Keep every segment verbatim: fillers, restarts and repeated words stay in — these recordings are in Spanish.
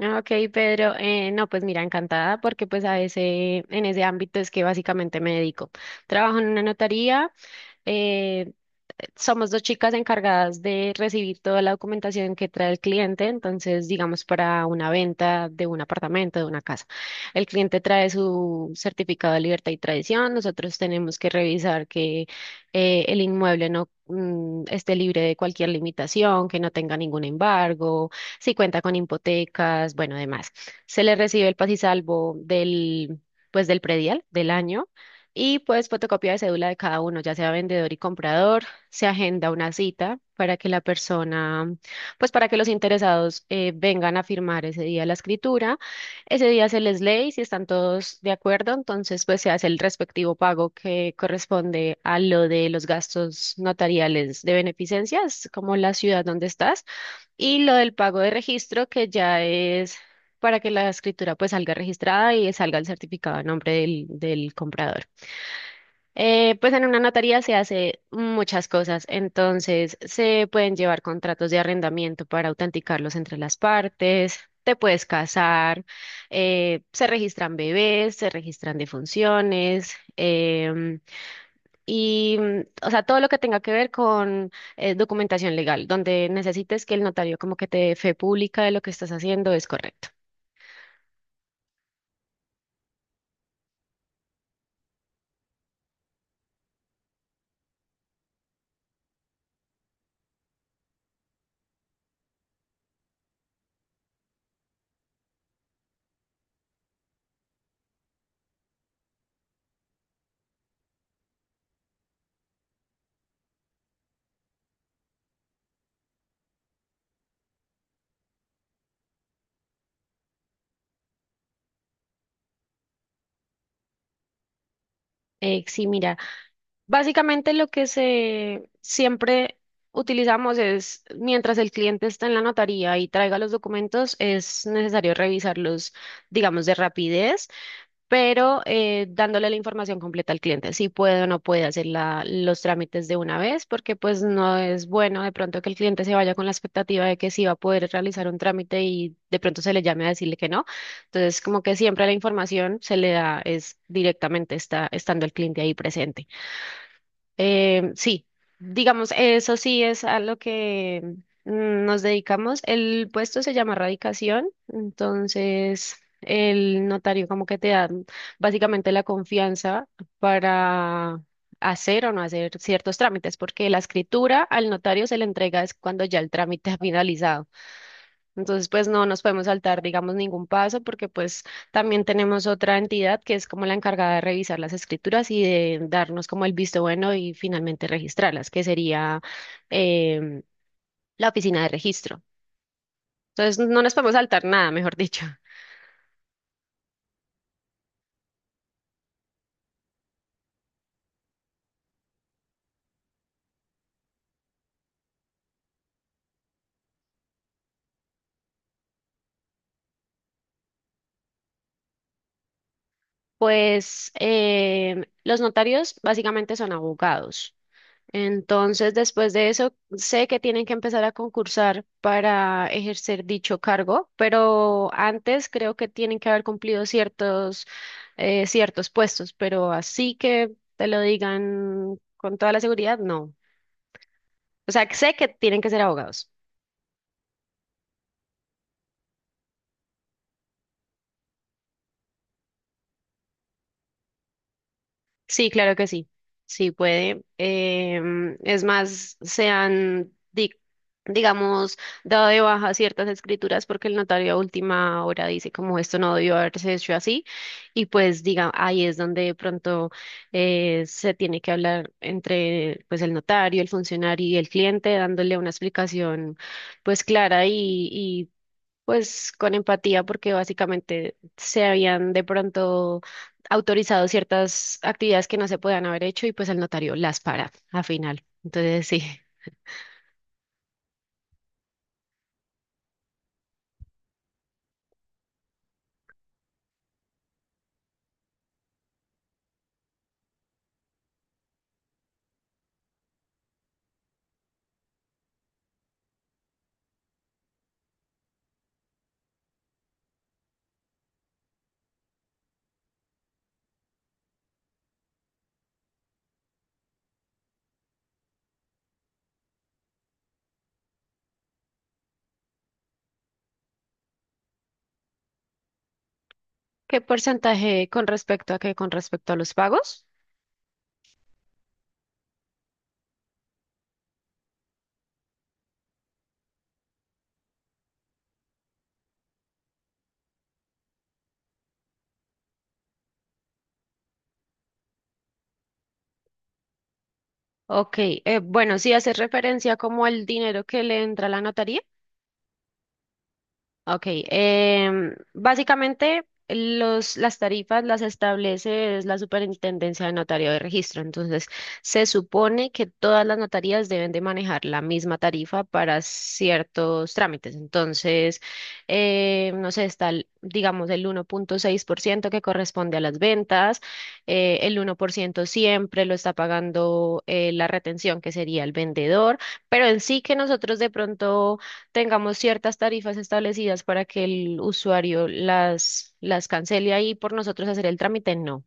Ah, Ok, Pedro, eh, no, pues mira, encantada porque pues a ese, en ese ámbito es que básicamente me dedico. Trabajo en una notaría. Eh, Somos dos chicas encargadas de recibir toda la documentación que trae el cliente. Entonces, digamos, para una venta de un apartamento, de una casa, el cliente trae su certificado de libertad y tradición. Nosotros tenemos que revisar que eh, el inmueble no mm, esté libre de cualquier limitación, que no tenga ningún embargo, si cuenta con hipotecas, bueno, demás. Se le recibe el paz salvo del, pues, del predial del año y pues fotocopia de cédula de cada uno, ya sea vendedor y comprador. Se agenda una cita para que la persona, pues para que los interesados eh, vengan a firmar ese día la escritura. Ese día se les lee y si están todos de acuerdo, entonces pues se hace el respectivo pago que corresponde a lo de los gastos notariales de beneficencias, como la ciudad donde estás, y lo del pago de registro, que ya es para que la escritura pues salga registrada y salga el certificado a nombre del del comprador. Eh, pues en una notaría se hace muchas cosas. Entonces, se pueden llevar contratos de arrendamiento para autenticarlos entre las partes, te puedes casar, eh, se registran bebés, se registran defunciones, em, y mm, o sea, todo lo que tenga que ver con eh, documentación legal, donde necesites que el notario como que te dé fe pública de lo que estás haciendo es correcto. Eh, sí, mira, básicamente lo que se siempre utilizamos es, mientras el cliente está en la notaría y traiga los documentos, es necesario revisarlos, digamos, de rapidez, pero eh, dándole la información completa al cliente, si puede o no puede hacer la- los trámites de una vez, porque pues no es bueno de pronto que el cliente se vaya con la expectativa de que sí va a poder realizar un trámite y de pronto se le llame a decirle que no. Entonces, como que siempre la información se le da es directamente está, estando el cliente ahí presente. Eh, sí, digamos, eso sí es a lo que mm, nos dedicamos. El puesto se llama radicación. Entonces, el notario como que te da básicamente la confianza para hacer o no hacer ciertos trámites, porque la escritura al notario se le entrega es cuando ya el trámite ha finalizado. Entonces, pues no nos podemos saltar, digamos, ningún paso, porque pues también tenemos otra entidad que es como la encargada de revisar las escrituras y de darnos como el visto bueno y finalmente registrarlas, que sería em, la oficina de registro. Entonces, no nos podemos saltar nada, mejor dicho. Pues em, los notarios básicamente son abogados. Entonces, después de eso, sé que tienen que empezar a concursar para ejercer dicho cargo, pero antes creo que tienen que haber cumplido ciertos, eh, ciertos puestos, pero así que te lo digan con toda la seguridad, no. O sea, sé que tienen que ser abogados. Sí, claro que sí. Sí puede. Em, es más, se han, di- digamos, dado de baja ciertas escrituras porque el notario a última hora dice como esto no debió haberse hecho así, y pues diga, ahí es donde de pronto eh, se tiene que hablar entre pues el notario, el funcionario y el cliente, dándole una explicación pues clara y pues con empatía, porque básicamente se habían de pronto autorizado ciertas actividades que no se podían haber hecho y pues el notario las para a final. Entonces, sí. ¿Qué porcentaje con respecto a qué? ¿Con respecto a los pagos? Ok, eh, bueno, sí hace referencia como al dinero que le entra a la notaría. Ok, em, básicamente los, las tarifas las establece es la Superintendencia de Notario de Registro. Entonces, se supone que todas las notarías deben de manejar la misma tarifa para ciertos trámites. Entonces, eh, no sé, está, el- digamos, el uno punto seis por ciento, que corresponde a las ventas, eh, el uno por ciento siempre lo está pagando eh, la retención, que sería el vendedor, pero en sí que nosotros de pronto tengamos ciertas tarifas establecidas para que el usuario las, las cancele ahí por nosotros hacer el trámite, no.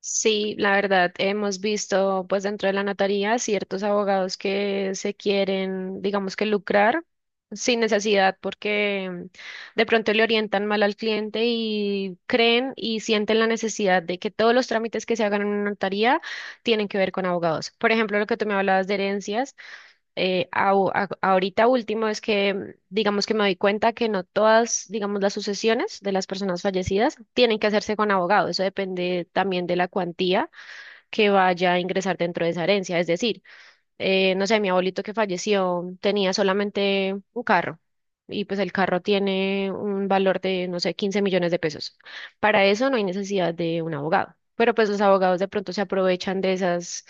Sí, la verdad, hemos visto pues dentro de la notaría ciertos abogados que se quieren, digamos, que lucrar sin necesidad, porque de pronto le orientan mal al cliente y creen y sienten la necesidad de que todos los trámites que se hagan en una notaría tienen que ver con abogados. Por ejemplo, lo que tú me hablabas de herencias. Eh, au- a- ahorita último es que, mm, digamos que me doy cuenta que no todas, digamos, las sucesiones de las personas fallecidas tienen que hacerse con abogado. Eso depende también de la cuantía que vaya a ingresar dentro de esa herencia. Es decir, eh, no sé, mi abuelito que falleció tenía solamente un carro. Y pues el carro tiene un valor de, no sé, quince millones de pesos. Para eso no hay necesidad de un abogado. Pero pues los abogados de pronto se aprovechan de esas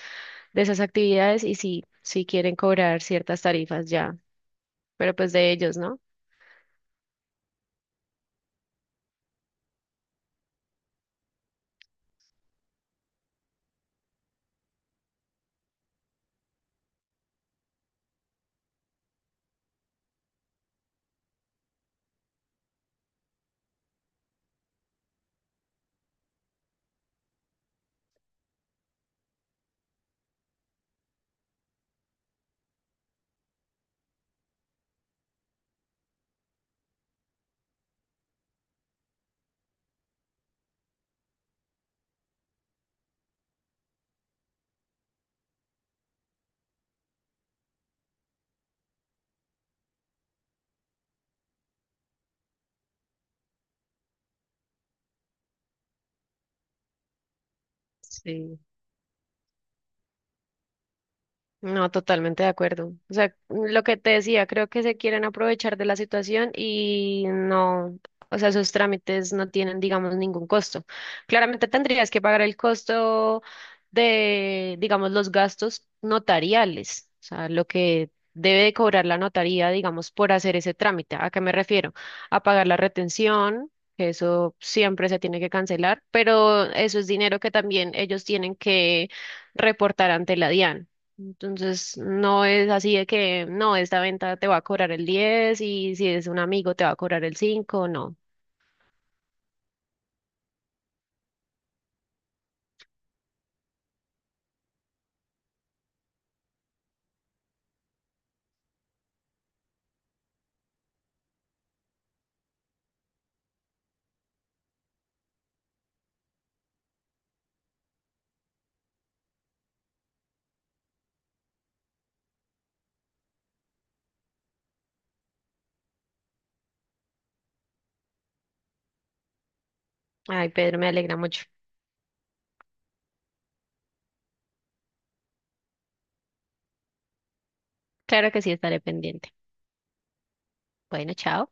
de esas actividades y sí, sí quieren cobrar ciertas tarifas ya, pero pues de ellos, ¿no? Sí. No, totalmente de acuerdo. O sea, lo que te decía, creo que se quieren aprovechar de la situación y no, o sea, sus trámites no tienen, digamos, ningún costo. Claramente tendrías que pagar el costo de, digamos, los gastos notariales, o sea, lo que debe de cobrar la notaría, digamos, por hacer ese trámite. ¿A qué me refiero? A pagar la retención, que eso siempre se tiene que cancelar, pero eso es dinero que también ellos tienen que reportar ante la DIAN. Entonces, no es así de que, no, esta venta te va a cobrar el diez y si es un amigo te va a cobrar el cinco, no. Ay, Pedro, me alegra mucho. Claro que sí, estaré pendiente. Bueno, chao.